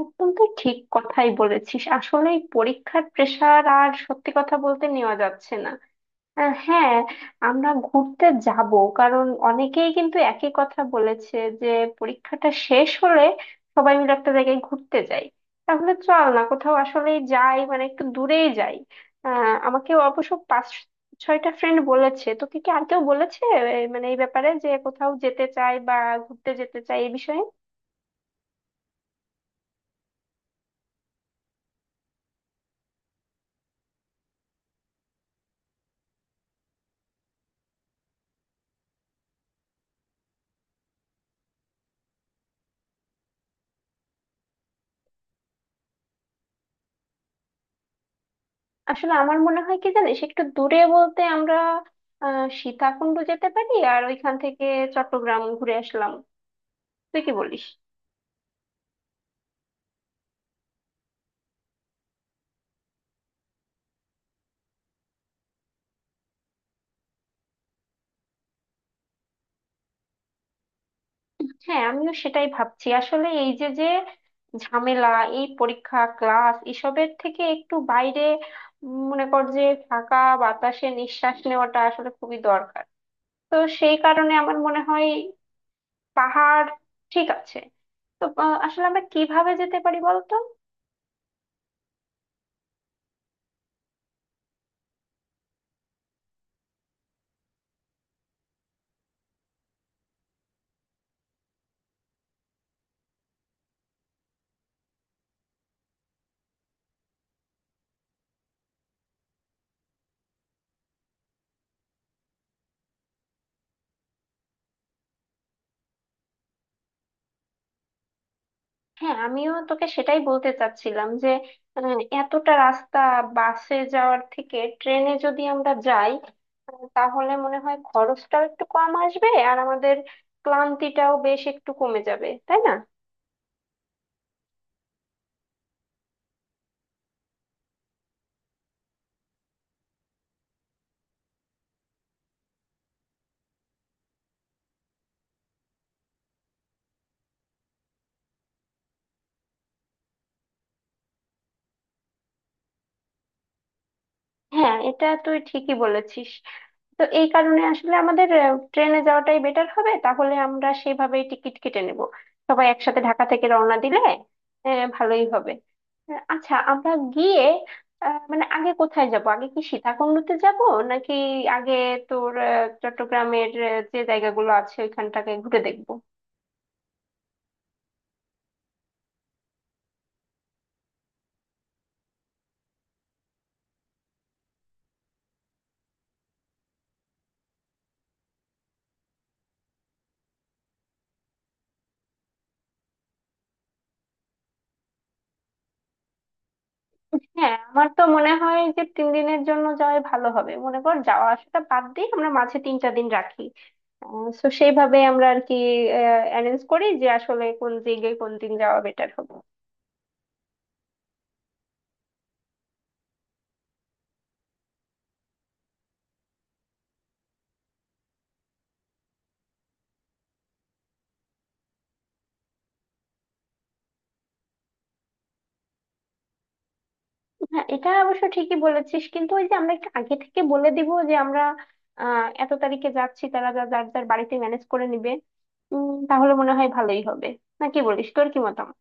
একদম তুই ঠিক কথাই বলেছিস। আসলে এই পরীক্ষার প্রেশার আর সত্যি কথা বলতে নেওয়া যাচ্ছে না। হ্যাঁ, আমরা ঘুরতে যাব, কারণ অনেকেই কিন্তু একই কথা বলেছে যে পরীক্ষাটা শেষ হলে সবাই মিলে একটা জায়গায় ঘুরতে যাই। তাহলে চল না কোথাও, আসলে যাই, মানে একটু দূরেই যাই। আমাকে অবশ্য পাঁচ ছয়টা ফ্রেন্ড বলেছে, তোকে কি আর কেউ বলেছে মানে এই ব্যাপারে, যে কোথাও যেতে চাই বা ঘুরতে যেতে চাই, এই বিষয়ে? আসলে আমার মনে হয় কি জানিস, একটু দূরে বলতে আমরা সীতাকুণ্ড যেতে পারি, আর ওইখান থেকে চট্টগ্রাম ঘুরে আসলাম। তুই কি বলিস? হ্যাঁ, আমিও সেটাই ভাবছি। আসলে এই যে যে ঝামেলা, এই পরীক্ষা ক্লাস এসবের থেকে একটু বাইরে, মনে কর যে ফাঁকা বাতাসে নিঃশ্বাস নেওয়াটা আসলে খুবই দরকার। তো সেই কারণে আমার মনে হয় পাহাড় ঠিক আছে। তো আসলে আমরা কিভাবে যেতে পারি বলতো? হ্যাঁ, আমিও তোকে সেটাই বলতে চাচ্ছিলাম, যে এতটা রাস্তা বাসে যাওয়ার থেকে ট্রেনে যদি আমরা যাই, তাহলে মনে হয় খরচটাও একটু কম আসবে, আর আমাদের ক্লান্তিটাও বেশ একটু কমে যাবে, তাই না? হ্যাঁ, এটা তুই ঠিকই বলেছিস। তো এই কারণে আসলে আমাদের ট্রেনে যাওয়াটাই বেটার হবে। তাহলে আমরা সেভাবেই টিকিট কেটে নেব। সবাই একসাথে ঢাকা থেকে রওনা দিলে ভালোই হবে। আচ্ছা, আমরা গিয়ে, মানে আগে কোথায় যাব? আগে কি সীতাকুণ্ডতে যাব, নাকি আগে তোর চট্টগ্রামের যে জায়গাগুলো আছে ওইখানটাকে ঘুরে দেখবো? হ্যাঁ, আমার তো মনে হয় যে 3 দিনের জন্য যাওয়াই ভালো হবে। মনে কর, যাওয়া আসাটা বাদ দিয়ে আমরা মাঝে 3টা দিন রাখি। তো সেইভাবে আমরা আর কি অ্যারেঞ্জ করি যে আসলে কোন দিকে কোন দিন যাওয়া বেটার হবে। হ্যাঁ, এটা অবশ্য ঠিকই বলেছিস, কিন্তু ওই যে আমরা একটু আগে থেকে বলে দিব যে আমরা এত তারিখে যাচ্ছি, তারা যা যার যার বাড়িতে ম্যানেজ করে নিবে। তাহলে মনে হয় ভালোই হবে, না কি বলিস? তোর কি মতামত?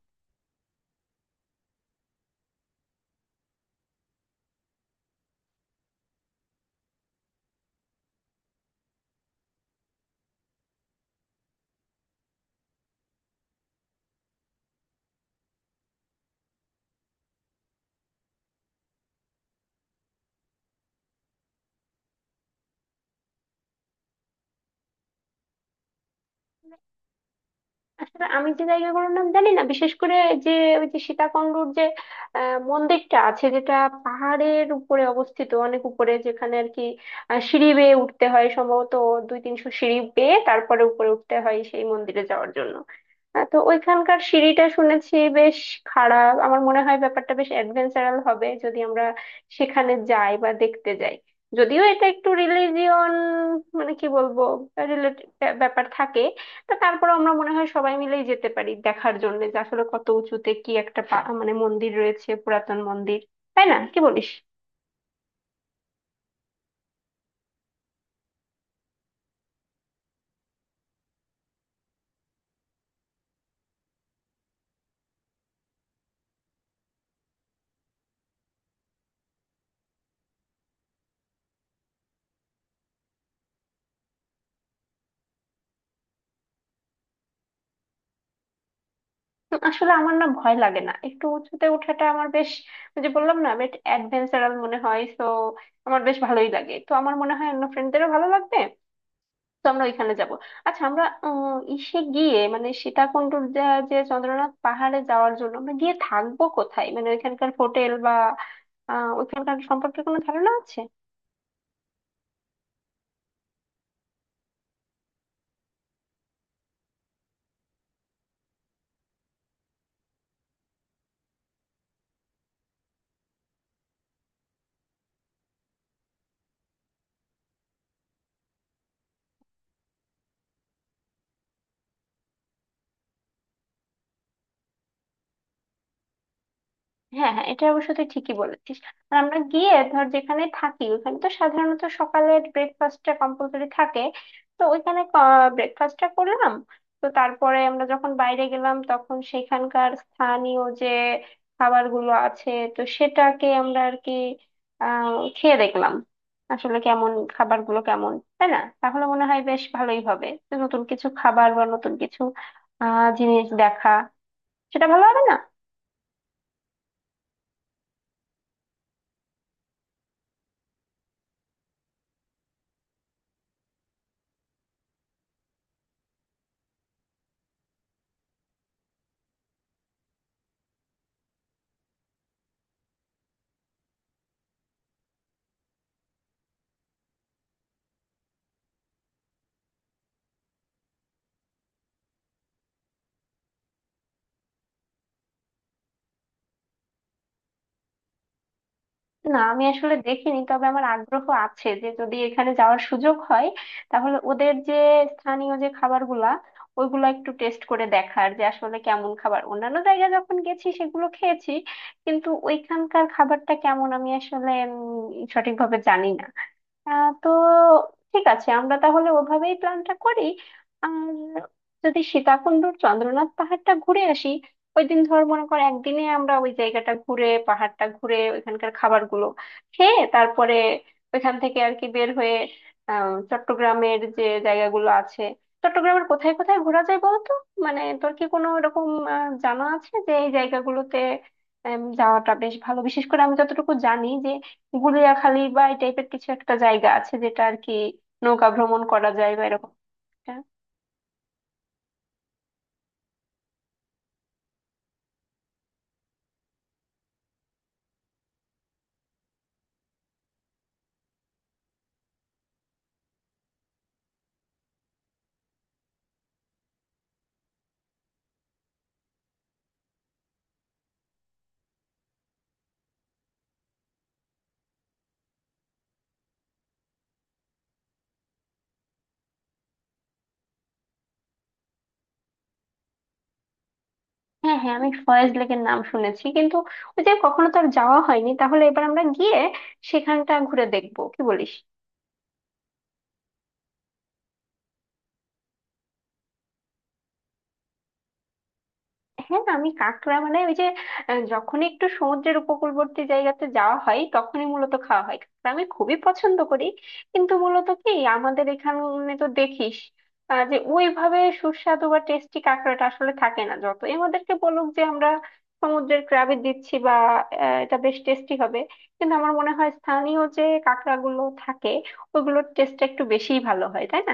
আসলে আমি যে জায়গাগুলোর নাম জানি না, বিশেষ করে, যে ওই যে সীতাকুণ্ডুর যে মন্দিরটা আছে যেটা পাহাড়ের উপরে অবস্থিত, অনেক উপরে, যেখানে আর কি সিঁড়ি বেয়ে উঠতে হয়, সম্ভবত দুই তিনশো সিঁড়ি বেয়ে তারপরে উপরে উঠতে হয় সেই মন্দিরে যাওয়ার জন্য। তো ওইখানকার সিঁড়িটা শুনেছি বেশ খারাপ। আমার মনে হয় ব্যাপারটা বেশ অ্যাডভেঞ্চারাল হবে যদি আমরা সেখানে যাই বা দেখতে যাই। যদিও এটা একটু রিলিজিয়ন, মানে কি বলবো, রিলেটেড ব্যাপার থাকে। তা তারপর আমরা মনে হয় সবাই মিলেই যেতে পারি দেখার জন্য, যে আসলে কত উঁচুতে কি একটা মানে মন্দির রয়েছে, পুরাতন মন্দির। তাই না? কি বলিস? আসলে আমার না ভয় লাগে না। একটু উঁচুতে ওঠাটা আমার বেশ, ওই যে বললাম না, বেশ অ্যাডভেঞ্চারাল মনে হয় তো। আমার বেশ ভালোই লাগে। তো আমার মনে হয় অন্য ফ্রেন্ডদেরও ভালো লাগবে। তো আমরা ওইখানে যাব। আচ্ছা, আমরা ইসে গিয়ে, মানে সীতাকুণ্ডুর যে যে চন্দ্রনাথ পাহাড়ে যাওয়ার জন্য আমরা গিয়ে থাকবো কোথায়? মানে ওইখানকার হোটেল বা ওইখানকার সম্পর্কে কোনো ধারণা আছে? হ্যাঁ, হ্যাঁ, এটা অবশ্য তুই ঠিকই বলেছিস। আর আমরা গিয়ে ধর যেখানে থাকি, ওখানে তো সাধারণত সকালের ব্রেকফাস্টটা কম্পালসরি থাকে। তো ওইখানে ব্রেকফাস্টটা করলাম। তো তারপরে আমরা যখন বাইরে গেলাম, তখন সেখানকার স্থানীয় যে খাবারগুলো আছে, তো সেটাকে আমরা আর কি আহ খেয়ে দেখলাম আসলে কেমন, খাবারগুলো কেমন, তাই না? তাহলে মনে হয় বেশ ভালোই হবে। তো নতুন কিছু খাবার বা নতুন কিছু জিনিস দেখা, সেটা ভালো হবে না? না, আমি আসলে দেখিনি, তবে আমার আগ্রহ আছে যে যদি এখানে যাওয়ার সুযোগ হয় তাহলে ওদের যে স্থানীয় যে খাবারগুলা, ওইগুলো একটু টেস্ট করে দেখার, যে আসলে কেমন খাবার। অন্যান্য জায়গায় যখন গেছি সেগুলো খেয়েছি, কিন্তু ওইখানকার খাবারটা কেমন আমি আসলে সঠিকভাবে জানি না। তো ঠিক আছে, আমরা তাহলে ওভাবেই প্ল্যানটা করি। আর যদি সীতাকুণ্ডুর চন্দ্রনাথ পাহাড়টা ঘুরে আসি, ওই দিন, ধর মনে কর, একদিনে আমরা ওই জায়গাটা ঘুরে, পাহাড়টা ঘুরে, ওইখানকার খাবারগুলো খেয়ে, তারপরে ওইখান থেকে আর কি বের হয়ে চট্টগ্রামের যে জায়গাগুলো আছে। চট্টগ্রামের কোথায় কোথায় ঘোরা যায় বলতো? মানে তোর কি কোনো এরকম জানা আছে যে এই জায়গাগুলোতে যাওয়াটা বেশ ভালো? বিশেষ করে আমি যতটুকু জানি, গুলিয়াখালী বা এই টাইপের কিছু একটা জায়গা আছে যেটা আর কি নৌকা ভ্রমণ করা যায় বা এরকম একটা। হ্যাঁ, হ্যাঁ, আমি ফয়েজ লেকের নাম শুনেছি, কিন্তু ওই যে কখনো তো আর যাওয়া হয়নি। তাহলে এবার আমরা গিয়ে সেখানটা ঘুরে দেখবো, কি বলিস? হ্যাঁ, আমি কাঁকড়া, মানে ওই যে, যখনই একটু সমুদ্রের উপকূলবর্তী জায়গাতে যাওয়া হয় তখনই মূলত খাওয়া হয় কাঁকড়া, আমি খুবই পছন্দ করি। কিন্তু মূলত কি, আমাদের এখানে তো দেখিস, যে ওইভাবে সুস্বাদু বা টেস্টি কাঁকড়াটা আসলে থাকে না। যতই আমাদেরকে বলুক যে আমরা সমুদ্রের ক্র্যাবে দিচ্ছি, বা এটা বেশ টেস্টি হবে, কিন্তু আমার মনে হয় স্থানীয় যে কাঁকড়াগুলো থাকে ওইগুলোর টেস্টটা একটু বেশিই ভালো হয়, তাই না?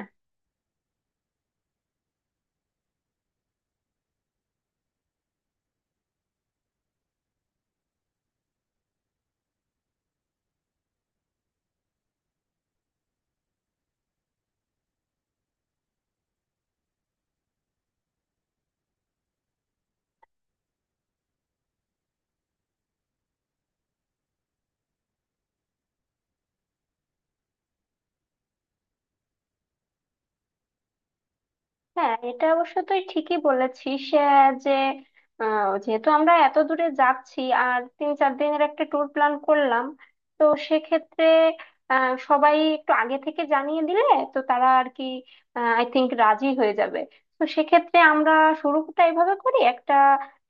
হ্যাঁ, এটা অবশ্য তুই ঠিকই বলেছিস। যে যেহেতু আমরা এত দূরে যাচ্ছি, আর তিন চার দিনের একটা ট্যুর প্ল্যান করলাম, তো সেক্ষেত্রে সবাই একটু আগে থেকে জানিয়ে দিলে তো তারা আর কি আই থিংক রাজি হয়ে যাবে। তো সেক্ষেত্রে আমরা শুরুটা এইভাবে করি। একটা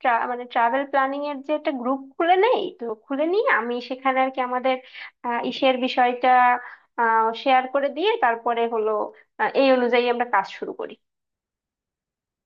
মানে ট্রাভেল প্ল্যানিং এর যে একটা গ্রুপ খুলে নেই, তো খুলে নিয়ে আমি সেখানে আর কি আমাদের ইসের বিষয়টা শেয়ার করে দিয়ে, তারপরে হলো এই অনুযায়ী আমরা কাজ শুরু করি।